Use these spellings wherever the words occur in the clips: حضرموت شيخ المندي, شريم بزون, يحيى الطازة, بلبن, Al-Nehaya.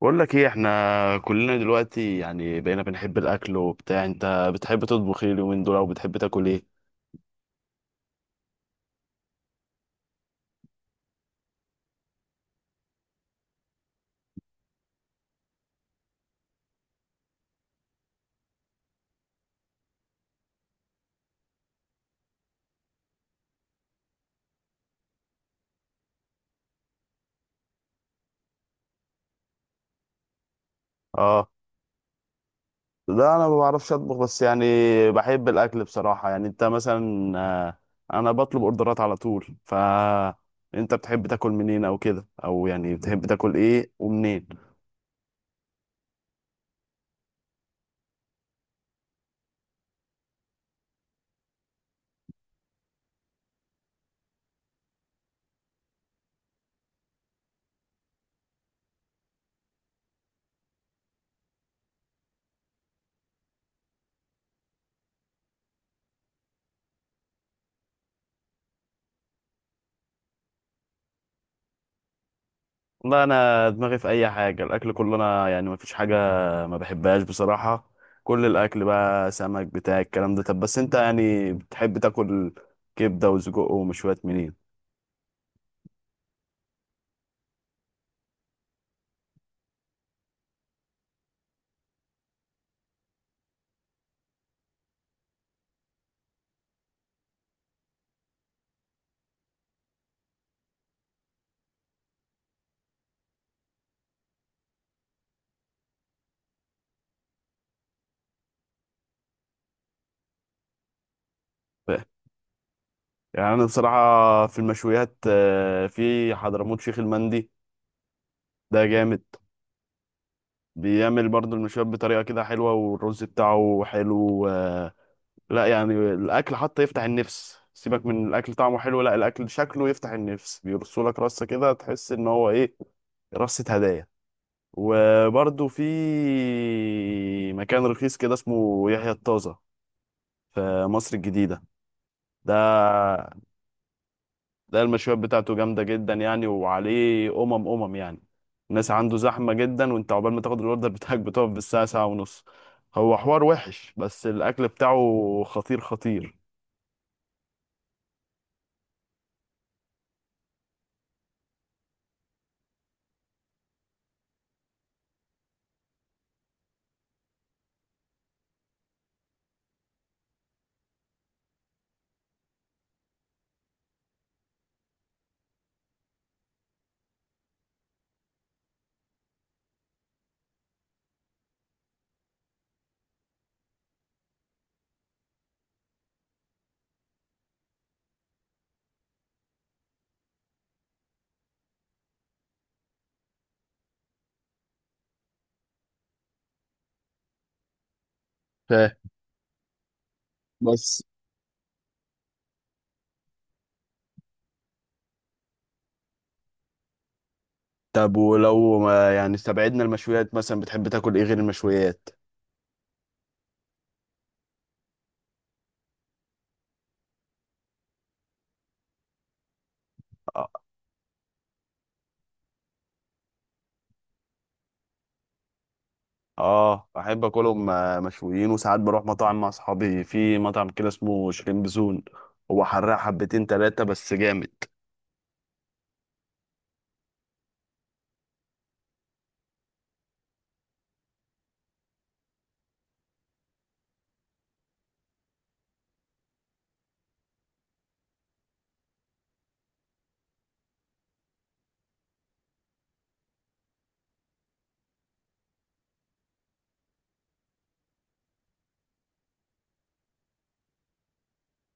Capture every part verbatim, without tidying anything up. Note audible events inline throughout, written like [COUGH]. بقول لك ايه؟ احنا كلنا دلوقتي يعني بقينا بنحب الاكل وبتاع. انت بتحب تطبخ ايه اليومين دول، او بتحب تاكل ايه؟ اه. لا انا ما بعرفش اطبخ، بس يعني بحب الاكل بصراحة. يعني انت مثلا، آه، انا بطلب اوردرات على طول. ف انت بتحب تاكل منين او كده، او يعني بتحب تاكل ايه ومنين؟ والله انا دماغي في اي حاجه، الاكل كله، انا يعني ما فيش حاجه ما بحبهاش بصراحه. كل الاكل بقى، سمك بتاع الكلام ده. طب بس انت يعني بتحب تاكل كبده وسجق ومشويات منين؟ ف- يعني انا بصراحه في المشويات، آه، في حضرموت شيخ المندي، ده جامد. بيعمل برضو المشويات بطريقه كده حلوه، والرز بتاعه حلو. آه، لا يعني الاكل حتى يفتح النفس. سيبك من الاكل طعمه حلو، لا الاكل شكله يفتح النفس. بيرسولك رصه كده، تحس ان هو ايه، رصة هدايا. وبرضه في مكان رخيص كده، اسمه يحيى الطازة في مصر الجديدة. ده ده المشويات بتاعته جامدة جدا يعني. وعليه أمم أمم يعني الناس عنده زحمة جدا، وانت عقبال ما تاخد الأوردر [LAUGHS] بتاعك بتقف بالساعة، ساعة ونص. هو حوار وحش بس الأكل بتاعه خطير خطير. فاهم. بس طب ولو ما يعني استبعدنا المشويات، مثلا بتحب تاكل ايه غير المشويات؟ اه احب اكلهم آه، مشويين. وساعات بروح مطاعم مع اصحابي، في مطعم كده اسمه شريم بزون، هو حراق حبتين تلاتة بس جامد.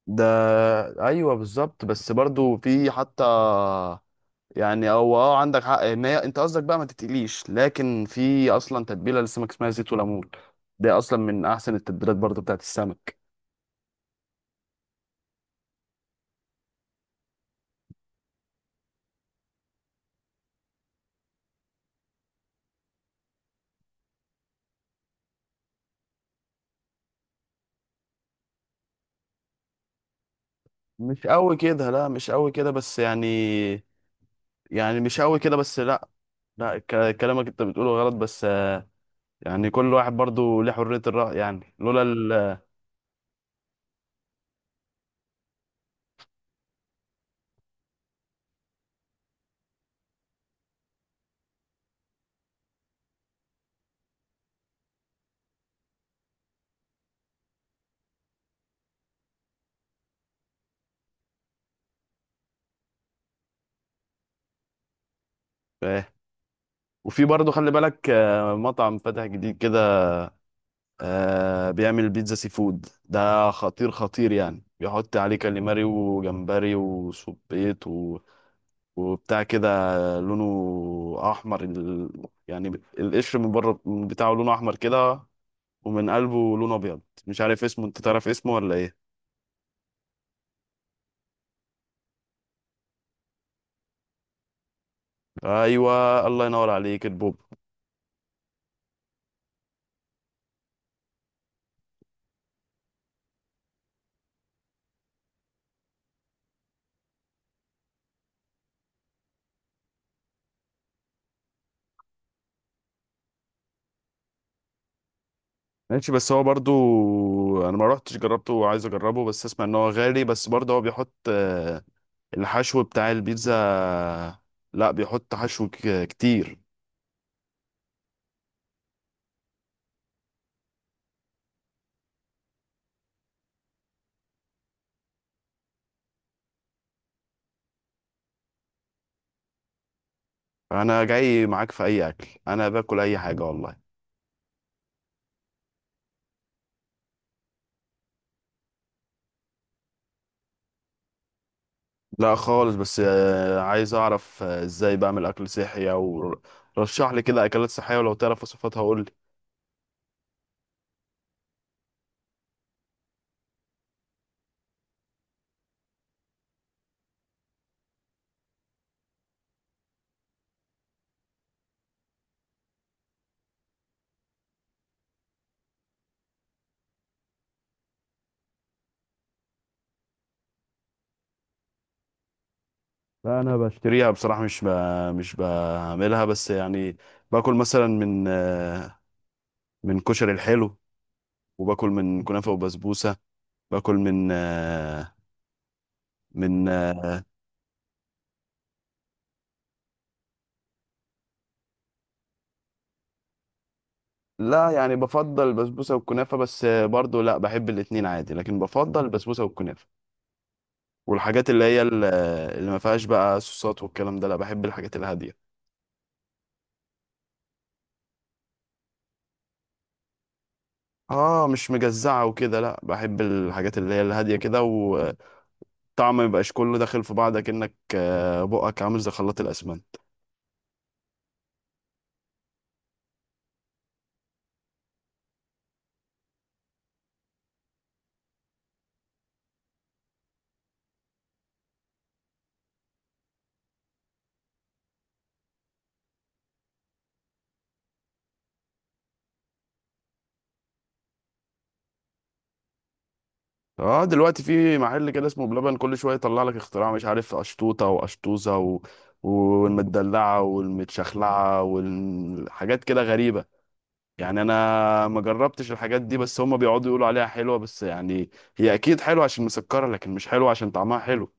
ده ايوه بالظبط. بس برضو في حتى، يعني هو اه عندك حق ان هي، انت قصدك بقى ما تتقليش، لكن في اصلا تتبيله للسمك اسمها زيت وليمون. ده اصلا من احسن التتبيلات برضو بتاعت السمك. مش قوي كده، لا مش قوي كده بس يعني، يعني مش قوي كده بس. لا لا، ك- كلامك انت بتقوله غلط. بس يعني كل واحد برضو ليه حرية الرأي. يعني لولا ال آه. وفي برضو خلي بالك، آه، مطعم فتح جديد كده، آه، بيعمل بيتزا سي فود ده خطير خطير. يعني بيحط عليه كاليماري وجمبري وسبيط و... وبتاع كده. لونه أحمر ال... يعني القشر من بره بتاعه لونه أحمر كده. ومن قلبه لونه أبيض. مش عارف اسمه، أنت تعرف اسمه ولا إيه؟ أيوه الله ينور عليك، البوب. ماشي. بس هو برضو انا ما روحتش جربته، وعايز اجربه. بس اسمع ان هو غالي، بس برضه هو بيحط آه، الحشو بتاع البيتزا. لا بيحط حشو ك- كتير. انا جاي معاك في اي اكل، انا باكل اي حاجة والله. لا خالص. بس آه، عايز اعرف آه، ازاي بعمل اكل صحي، او رشح لي كده اكلات صحية، ولو تعرف وصفاتها قول لي. لا انا بشتري، بشتريها بصراحة، مش ب... مش بعملها بس يعني. باكل مثلا من آه، من كشري الحلو. وباكل من كنافة وبسبوسة. باكل من آه، من آه، لا يعني بفضل البسبوسه والكنافه. بس آه، برضو لا بحب الاتنين عادي، لكن بفضل البسبوسه والكنافه. والحاجات اللي هي ال- آه، اللي ما فيهاش بقى صوصات والكلام ده. لا بحب الحاجات الهاديه. اه مش مجزعه وكده. لا بحب الحاجات اللي هي الهاديه كده، وطعم ما يبقاش كله داخل في بعض، كأنك آه، بقك عامل زي خلاط الاسمنت. اه دلوقتي في محل كده اسمه بلبن، كل شويه يطلع لك اختراع، مش عارف اشطوطه واشطوزه و... والمدلعه والمتشخلعه والحاجات كده غريبه. يعني انا ما جربتش الحاجات دي، بس هم بيقعدوا يقولوا عليها حلوه. بس يعني هي اكيد حلوه عشان مسكره، لكن مش حلوه عشان طعمها حلو.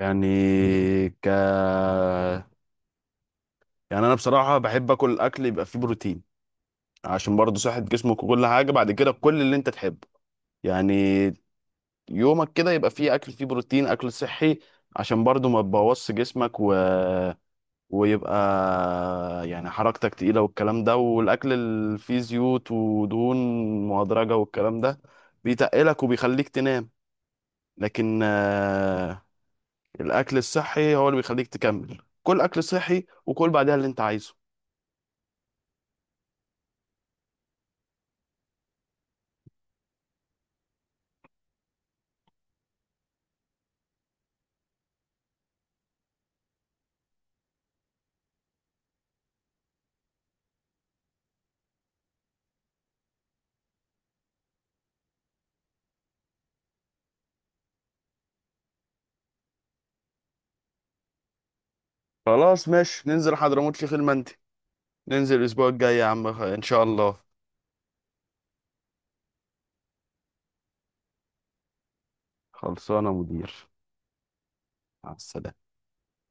يعني ك يعني انا بصراحه بحب اكل اكل يبقى فيه بروتين. عشان برضه صحه جسمك، وكل حاجه بعد كده كل اللي انت تحبه يعني. يومك كده يبقى فيه اكل فيه بروتين، اكل صحي، عشان برضو ما تبوظش جسمك، و... ويبقى يعني حركتك تقيلة. والكلام ده، والاكل اللي فيه زيوت ودهون مهدرجة والكلام ده، بيتقلك وبيخليك تنام. لكن آه، الاكل الصحي هو اللي بيخليك تكمل، كل اكل صحي وكل بعدها اللي انت عايزه. خلاص ماشي، ننزل حضرموت شيخ المندي. ننزل الاسبوع الجاي يا عم، خ- ان شاء الله. خلصانه يا مدير. مع السلامه.